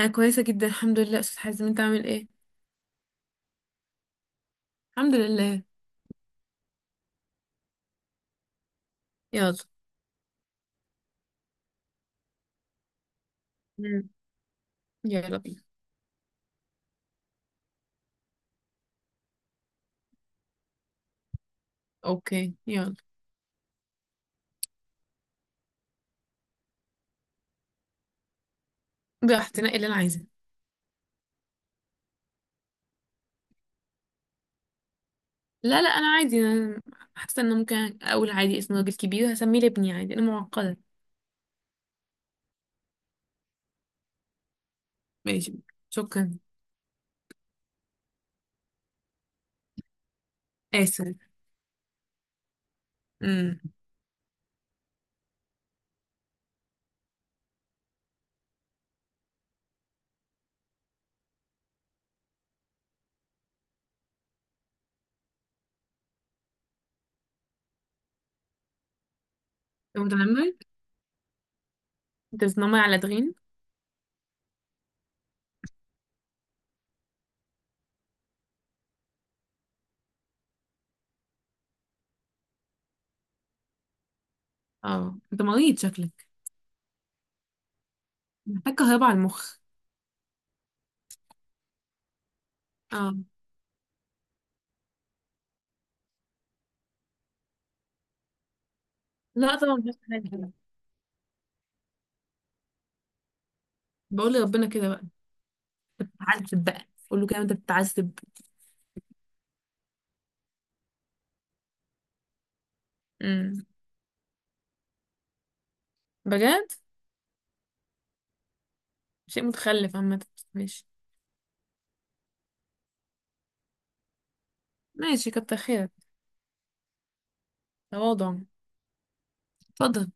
انا كويسه جدا، الحمد لله. استاذ حازم، انت عامل ايه؟ الحمد لله. يلا. مم. يلا بينا. اوكي، يلا. براحتي تنقي اللي انا عايزاه. لا، لا. انا عادي. انا حاسه ان أنا ممكن اقول عادي اسم راجل كبير هسميه لابني، عادي. انا معقده. ماشي. شكرا. اسف. امم. انت متنمر؟ انت بتنمر على دغين. اه، انت مريض شكلك. محتاج كهرباء على المخ. اه. لا طبعا، مش حاجه. بقول لربنا كده بقى. تعذب بقى، قول له كده انت بتعذب. امم. بجد؟ شيء متخلف عامه. ماشي. ماشي، كتر خيرك. تواضع. اتفضل.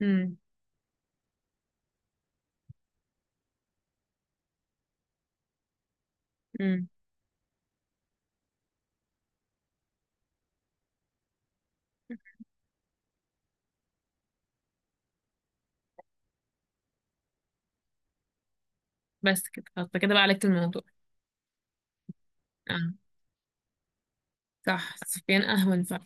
امم. امم. بس كده خلاص، ده كده بقى عالجت الموضوع. اه صح، سفيان اهون فعلا.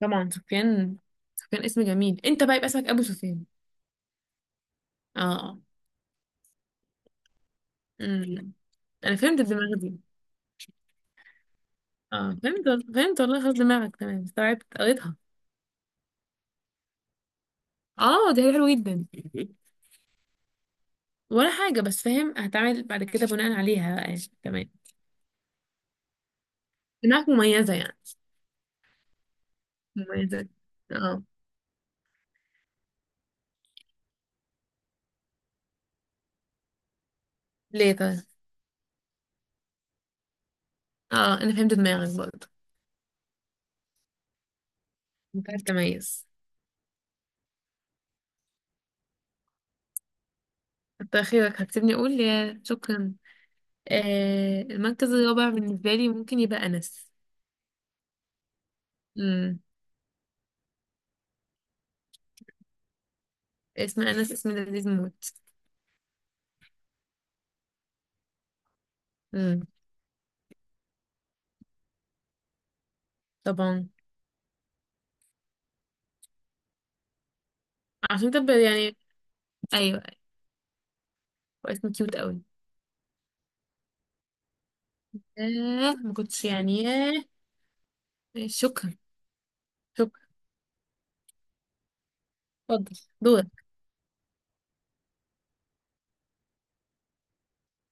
طبعا سفيان. سفيان اسم جميل، انت بقى يبقى اسمك ابو سفيان. اه. اه. امم. انا فهمت الدماغ دي. اه فهمت فهمت والله، خلاص دماغك تمام، استوعبت قريتها. اه، دي حاجة حلوة جدا. ولا حاجة، بس فاهم هتعمل بعد كده بناء عليها بقى يعني. تمام. دماغك مميزة يعني. مميزة. اه. ليه طيب؟ اه، انا فهمت دماغك برضه. انت عارف تميز. كتر خيرك، هتسيبني اقول؟ يا شكرا. آه، المركز الرابع بالنسبه لي ممكن يبقى انس. امم. اسم انس اسم لذيذ موت. امم. طبعا. عشان تبقى يعني. ايوه. واسم كيوت قوي. آه، ما كنتش يعني. ياه. شكرا. شكرا. اتفضل. دورك.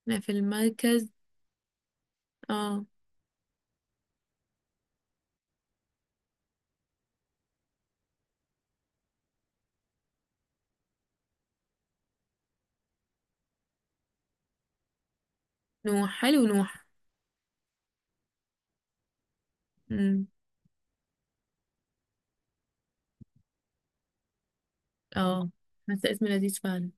انا في المركز. اه. نوح، حلو نوح. امم. اه، حاسه اسم لذيذ فعلا.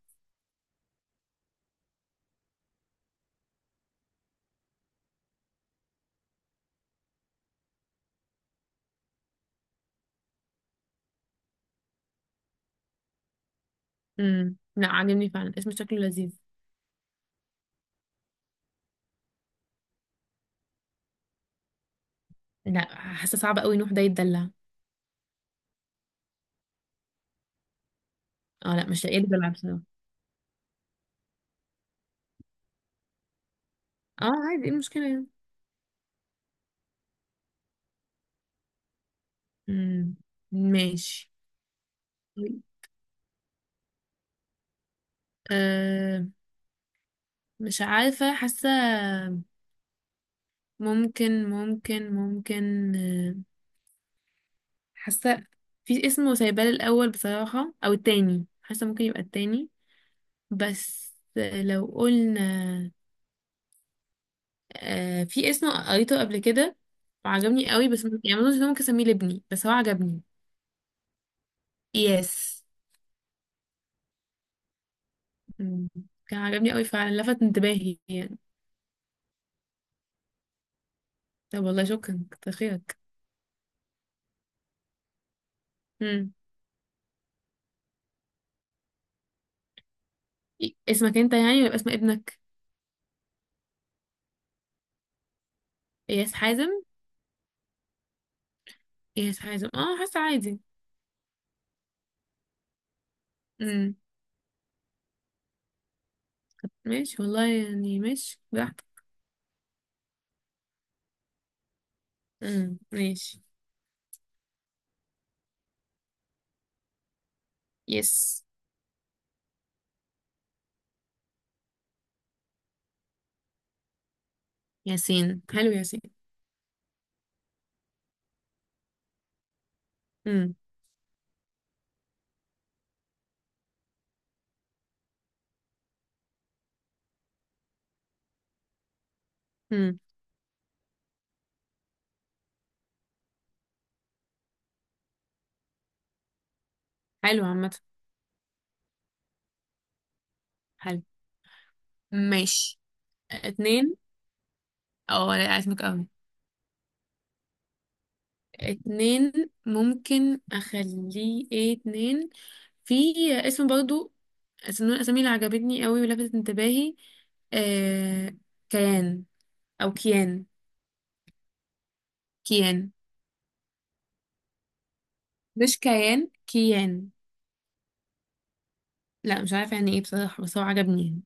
امم، لا عاجبني فعلا، اسم شكله لذيذ. لا، حاسه صعب قوي نوح ده يتدلع. اه لا، مش لاقيه يتدلع بصراحه. اه عادي، ايه المشكله يعني؟ امم. ماشي. أه، مش عارفة. حاسة، ممكن ممكن ممكن أه. حاسة. في اسمه سايبال الأول بصراحة، أو التاني. حاسة ممكن يبقى التاني. بس لو قلنا، أه، في اسم قريته قبل كده وعجبني قوي، بس يعني مظنش إن أنا ممكن أسميه لابني، بس هو عجبني. يس. مم. كان عجبني قوي فعلا، لفت انتباهي يعني. طب والله، شكرا كتر خيرك. مم. اسمك انت يعني، ولا يبقى اسم ابنك؟ اياس حازم. اياس حازم، اه حاسه عادي. امم. ماشي والله، يعني ماشي براحتك. امم. ماشي. يس. ياسين، حلو ياسين. امم. امم. حلو عامه. حلو. ماشي. اتنين. اه لا، اسمك قوي. اتنين. ممكن اخليه ايه؟ اتنين. في اسم برضو، اسم من الاسامي اللي عجبتني قوي ولفتت انتباهي. آه... كيان. او كيان. كيان. مش كيان، كيان. لا، مش عارفة يعني ايه بصراحة، بس هو عجبني يعني.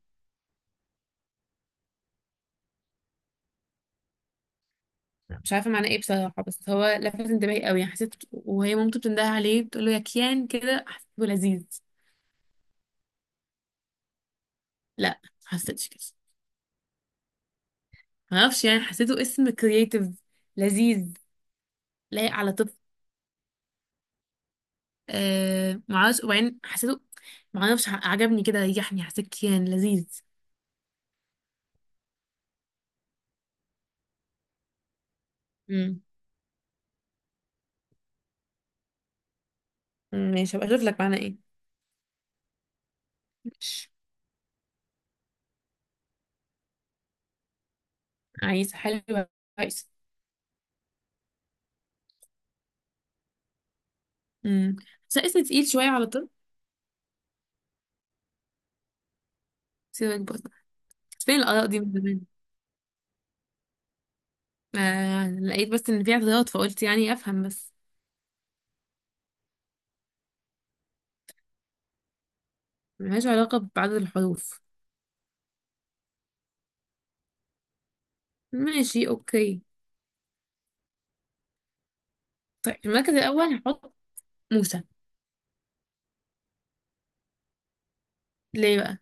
مش عارفة معناه ايه بصراحة، بس هو لفت انتباهي قوي يعني. حسيت وهي مامته بتنده عليه بتقول له يا كيان، كده حسيته لذيذ. لا، حسيتش كده. معرفش يعني، حسيته اسم كرييتيف. لذيذ. لايق على طفل. آه معرفش، وبعدين حسيته، معرفش، عجبني كده، ريحني، حسيت كيان لذيذ. امم. ماشي، هبقى اشوف لك معناه ايه. مش. عايز حلو. كويس. امم. بس اسم تقيل شوية على طفل. سيبك برضه. فين الآراء دي من زمان؟ آه لقيت بس ان في اعتراض، فقلت يعني افهم بس. ملهاش علاقة بعدد الحروف. ماشي. اوكي. طيب، المركز الاول هحط موسى. ليه بقى؟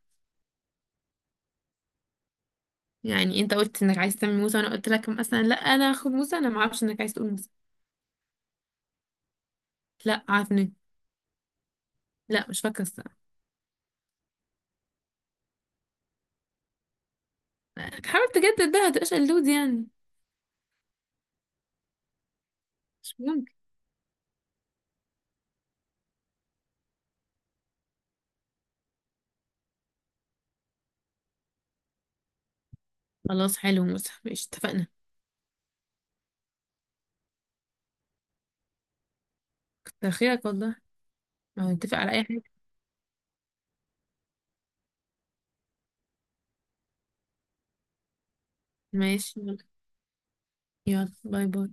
يعني انت قلت انك عايز تعمل موسى، وانا قلت لك مثلا لا انا هاخد موسى؟ انا ما اعرفش انك عايز تقول موسى. لا، عارفني. لا، مش فاكره الصراحه. حاول تجدد، ده هتبقاش قلود يعني. مش ممكن. خلاص، حلو موسى، ماشي اتفقنا. كتر خيرك والله. ما نتفق على اي حاجه. ماشي، يلا. يلا، باي باي.